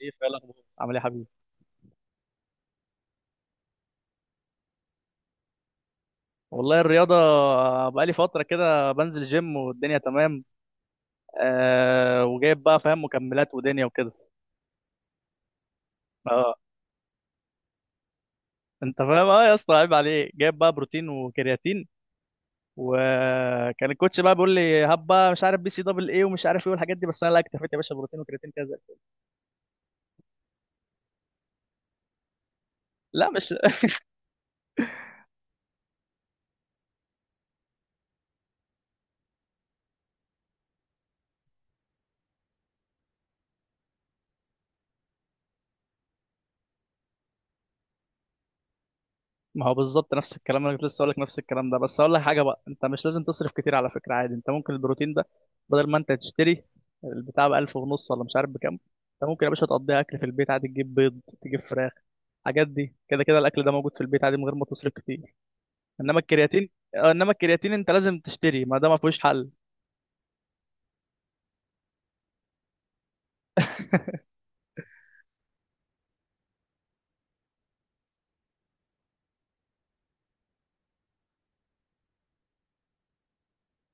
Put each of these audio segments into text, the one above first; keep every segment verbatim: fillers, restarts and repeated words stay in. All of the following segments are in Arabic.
ايه فعلا، الاخبار؟ عامل ايه يا حبيبي؟ والله الرياضه بقالي فتره كده بنزل جيم والدنيا تمام. آه وجايب بقى، فاهم، مكملات ودنيا وكده. اه، انت فاهم، اه يا اسطى، عيب عليك، جايب بقى بروتين وكرياتين. وكان الكوتش بقى بيقول لي، هب بقى مش عارف بي سي دبل ايه، ومش عارف ايه والحاجات دي، بس انا لا، اكتفيت يا باشا بروتين وكرياتين كذا. لا، مش ما هو بالظبط نفس الكلام، انا كنت لسه اقول لك نفس الكلام ده. بس اقول لك حاجه بقى، انت مش لازم تصرف كتير على فكره، عادي انت ممكن البروتين ده بدل ما انت تشتري البتاع ب ألف ونص ولا مش عارف بكام، انت ممكن يا باشا تقضيها اكل في البيت عادي، تجيب بيض تجيب فراخ، الحاجات دي كده كده الاكل ده موجود في البيت عادي من غير ما تصرف كتير. انما الكرياتين آه، انما الكرياتين انت لازم تشتري، ما ده ما فيهوش حل.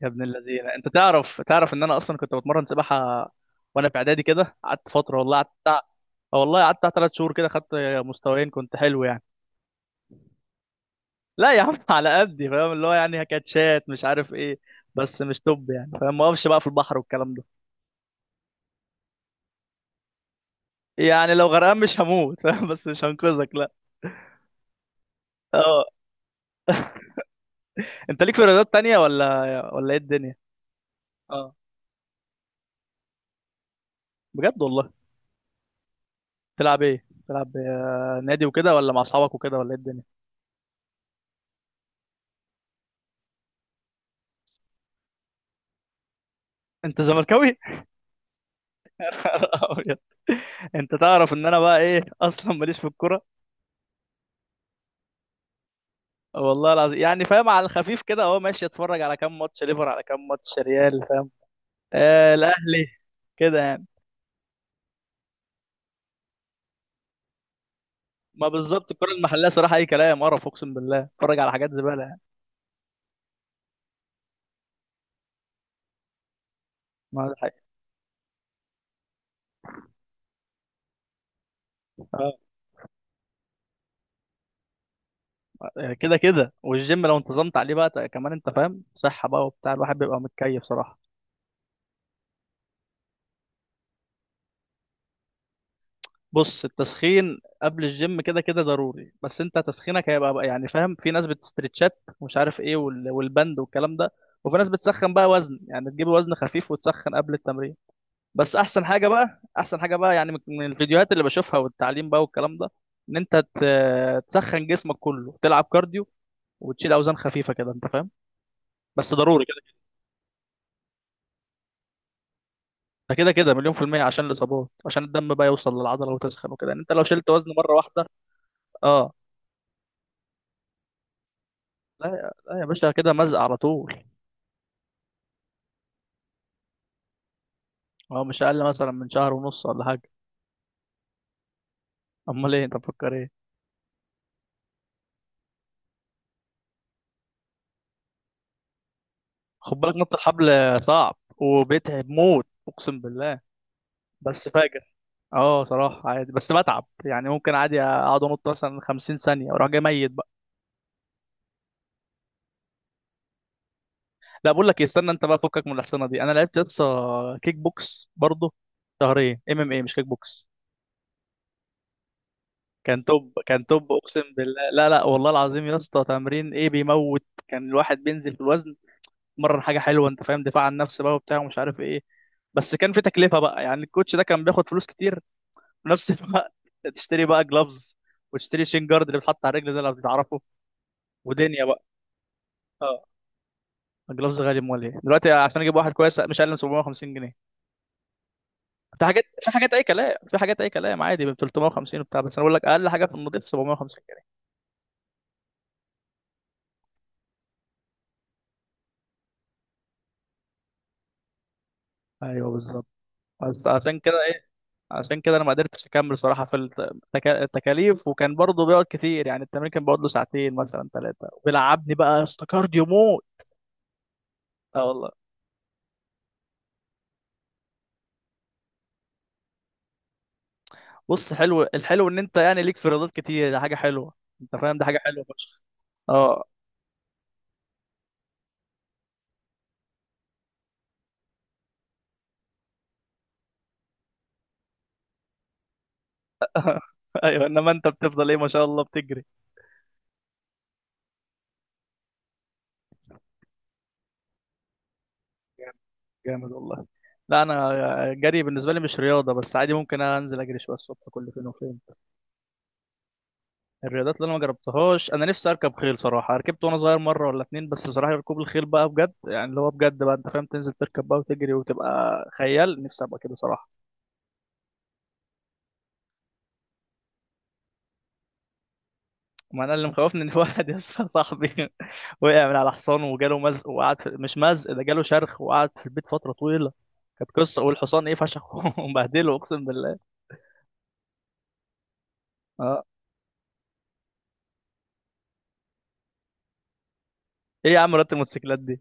يا ابن اللذينه، انت تعرف تعرف ان انا اصلا كنت بتمرن سباحه وانا في اعدادي كده، قعدت فتره والله، قعدت بتاع- آه والله قعدت ثلاث شهور كده، خدت مستويين كنت حلو يعني. لا يا عم، على قدي، فاهم اللي هو يعني كاتشات مش عارف ايه، بس مش توب يعني، فاهم ما اقفش بقى في البحر والكلام ده، يعني لو غرقان مش هموت فاهم بس مش هنقذك لا. اه، انت ليك في رياضات تانية ولا ولا ايه الدنيا؟ اه بجد والله. تلعب ايه؟ تلعب آه، نادي وكده ولا مع اصحابك وكده ولا ايه الدنيا؟ انت زملكاوي؟ أبيض. انت تعرف ان انا بقى ايه اصلا ماليش في الكوره، والله العظيم، يعني فاهم على الخفيف كده اهو ماشي، اتفرج على كام ماتش ليفر، على كام ماتش ريال، فاهم، آه الاهلي، كده يعني. ما بالظبط، الكرة المحلية صراحة أي كلام، قرف أقسم بالله، اتفرج على حاجات زبالة يعني. ما ده حقيقة. آه، كده كده، والجيم لو انتظمت عليه بقى ت- كمان أنت فاهم، صحة بقى وبتاع، الواحد بيبقى متكيف صراحة. بص، التسخين قبل الجيم كده كده ضروري، بس أنت تسخينك هيبقى بقى يعني، فاهم في ناس بتستريتشات ومش عارف إيه وال- والبند والكلام ده، وفي ناس بتسخن بقى وزن، يعني تجيب وزن خفيف وتسخن قبل التمرين. بس أحسن حاجة بقى أحسن حاجة بقى يعني، من من الفيديوهات اللي بشوفها والتعليم بقى والكلام ده، ان انت ت- تسخن جسمك كله، تلعب كارديو وتشيل اوزان خفيفه كده انت فاهم، بس ضروري كده. ده كده كده مليون في الميه، عشان الاصابات، عشان الدم بقى يوصل للعضله وتسخن وكده يعني، انت لو شلت وزن مره واحده. اه. لا يا- لا يا باشا، كده مزق على طول. اه، مش اقل مثلا من شهر ونص ولا حاجه. امال ايه؟ انت مفكر ايه؟ خد بالك، نط الحبل صعب وبيتعب موت، اقسم بالله، بس فاجر. اه صراحه عادي، بس بتعب يعني، ممكن عادي اقعد انط مثلا خمسين ثانيه واروح جاي ميت. لا، بقول لك إيه، استنى انت بقى، فكك من الحصانه دي، انا لعبت يسطا كيك بوكس برضه، شهرين، ام ام اي، مش كيك بوكس. كان توب كان توب اقسم بالله، لا لا والله العظيم يا اسطى، تمرين ايه بيموت، كان الواحد بينزل في الوزن، مرن حاجه حلوه، انت فاهم دفاع عن النفس بقى وبتاع ومش عارف ايه، بس كان في تكلفه بقى، يعني الكوتش ده كان بياخد فلوس كتير في نفس الوقت تشتري بقى جلافز، وتشتري شين جارد اللي بيتحط على الرجل ده لو بتعرفه، ودنيا بقى. اه، الجلافز غالي، امال ايه دلوقتي، عشان اجيب واحد كويس مش اقل من سبعمية وخمسين جنيه. في حاجات في حاجات اي كلام، في حاجات اي كلام عادي ب تلتمية وخمسين وبتاع، بس انا بقول لك اقل حاجه في النضيف سبعمية وخمسين جنيه. ايوه بالظبط، بس عشان كده ايه، عشان كده انا ما قدرتش اكمل صراحه في التك- التكاليف، وكان برضه بيقعد كتير، يعني التمرين كان بيقعد له ساعتين مثلا ثلاثه، وبيلعبني بقى استكارد موت. اه والله. بص حلو، الحلو ان انت يعني ليك في رياضات كتير، ده حاجه حلوه، انت فاهم، ده حاجه حلوه فشخ. اه ايوه، انما انت بتفضل ايه ما شاء الله، بتجري. جامد والله. لا، انا جري بالنسبه لي مش رياضه، بس عادي ممكن انزل اجري شويه الصبح كل فين وفين بس. الرياضات اللي انا ما جربتهاش، انا نفسي اركب خيل صراحه، ركبت وانا صغير مره ولا اتنين بس، صراحه ركوب الخيل بقى بجد، يعني اللي هو بجد بقى، انت فاهم، تنزل تركب بقى وتجري وتبقى خيال، نفسي ابقى كده صراحه. ما انا اللي مخوفني ان في واحد يا اسطى، صاحبي وقع من على حصان وجاله مزق، وقعد في، مش مزق ده، جاله شرخ وقعد في البيت فتره طويله، كانت قصه، والحصان ايه فشخ ومبهدله اقسم بالله. اه. ايه يا عم رياضه الموتوسيكلات دي،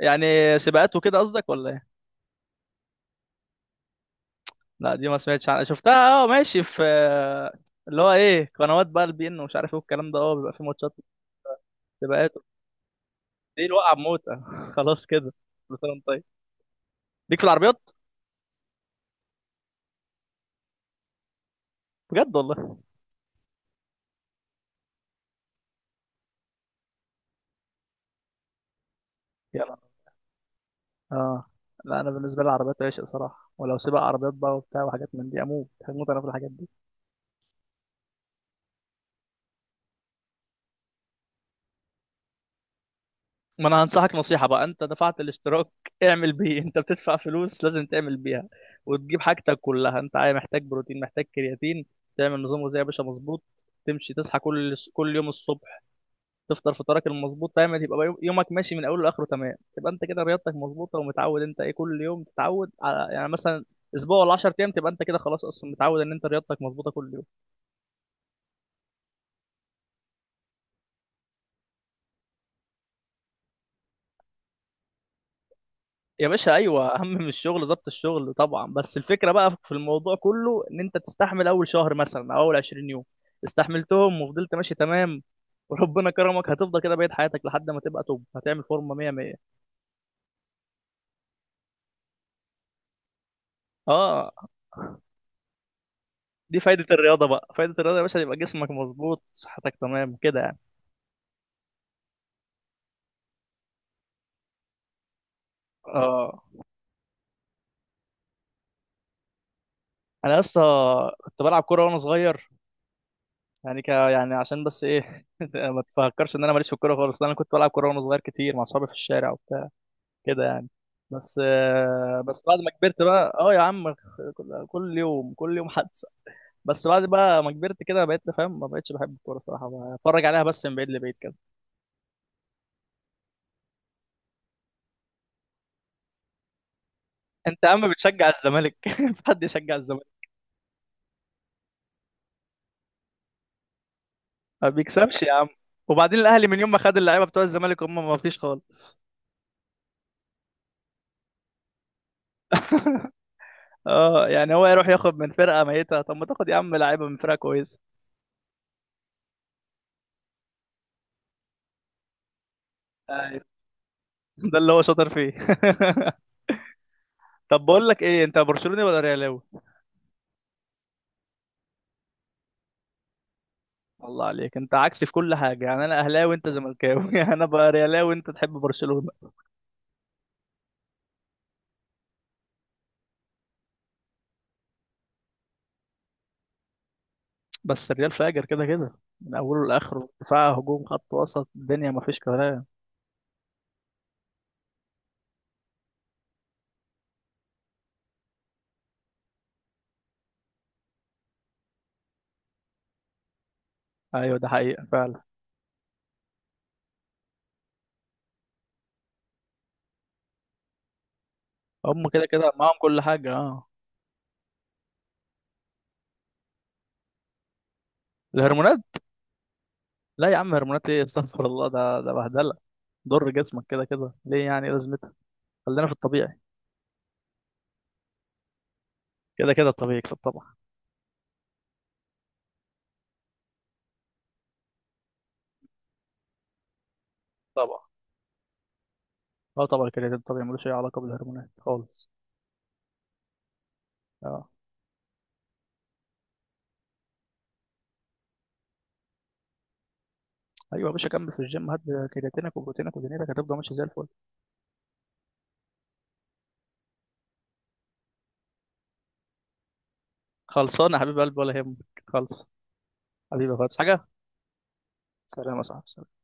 يعني سباقات وكده قصدك ولا ايه؟ لا، دي ما سمعتش عنها، شفتها اه، ماشي في اللي هو ايه، قنوات بقى، البي ان ومش عارف ايه والكلام ده، اه بيبقى في ماتشات، سباقات. دي الوقعه بموتة خلاص كده. كل سنه وانت طيب. ليك في العربيات؟ بجد والله، يا نهار. اه. لا، انا بالنسبه لي العربيات عشق صراحه، ولو سباق عربيات بقى وبتاع وحاجات من دي اموت هموت انا في الحاجات دي. ما انا هنصحك نصيحة بقى، انت دفعت الاشتراك، اعمل بيه، انت بتدفع فلوس لازم تعمل بيها، وتجيب حاجتك كلها، انت عايز محتاج بروتين محتاج كرياتين، تعمل نظام غذائي يا باشا مظبوط، تمشي تصحى كل كل يوم الصبح، تفطر فطارك المظبوط، تعمل يبقى يوم- يومك ماشي من اوله لاخره تمام، تبقى انت كده رياضتك مظبوطة ومتعود، انت ايه كل يوم تتعود على يعني مثلا اسبوع ولا عشر ايام، تبقى انت كده خلاص اصلا متعود ان انت رياضتك مظبوطة كل يوم. يا باشا ايوه، اهم من الشغل ضبط الشغل طبعا، بس الفكره بقى في الموضوع كله ان انت تستحمل اول شهر مثلا او اول عشرين يوم، استحملتهم وفضلت ماشي تمام، وربنا كرمك هتفضل كده بقيت حياتك لحد ما تبقى توب، هتعمل فورمه ميه ميه. اه. دي فايده الرياضه بقى، فايده الرياضه يا باشا، يبقى جسمك مظبوط صحتك تمام كده يعني. اه، انا يا اسطى كنت بلعب كوره وانا صغير، يعني ك يعني عشان بس ايه ما تفكرش ان انا ماليش في الكوره خالص، لا، انا كنت بلعب كوره وانا صغير كتير مع اصحابي في الشارع كده يعني، بس آه، بس بعد ما كبرت بقى، اه يا عم، خ- كل كل يوم كل يوم حادثه، بس بعد بقى ما كبرت كده، بقيت فاهم، ما بقتش بحب الكوره صراحه، بتفرج عليها بس من بعيد لبعيد كده. انت يا عم بتشجع الزمالك في حد يشجع الزمالك؟ ما بيكسبش يا عم، وبعدين الاهلي من يوم ما خد اللعيبه بتوع الزمالك هم ما فيش خالص. اه يعني هو يروح ياخد من فرقه ميته؟ طب ما تاخد يا عم لعيبه من فرقه كويسه. ايوه، ده اللي هو شاطر فيه طب بقول لك ايه، انت برشلوني ولا ريالاوي؟ الله عليك، انت عكسي في كل حاجه، يعني انا اهلاوي وانت زملكاوي يعني انا بقى ريالاوي وانت تحب برشلونه، بس الريال فاجر كده كده من اوله لاخره، دفاع هجوم خط وسط الدنيا ما فيش كلام. ايوه، ده حقيقه فعلا. هم كده كده معاهم كل حاجه، اه. الهرمونات؟ لا يا عم هرمونات ايه استغفر الله، ده ده بهدله، ضر جسمك كده كده ليه؟ يعني إيه لازمتها، خلينا في الطبيعي. كده كده الطبيعي يكسب طبعا. طبعا، اه طبعا، الكرياتين الطبيعي ملوش اي علاقه بالهرمونات خالص. اه، ايوه يا باشا، كمل في الجيم، هات كرياتينك وبروتينك ودنيتك هتفضل ماشي زي الفل. خلصانه يا حبيب قلبي ولا يهمك، خلص، حبيبي خالص حاجه. سلام يا صاحبي.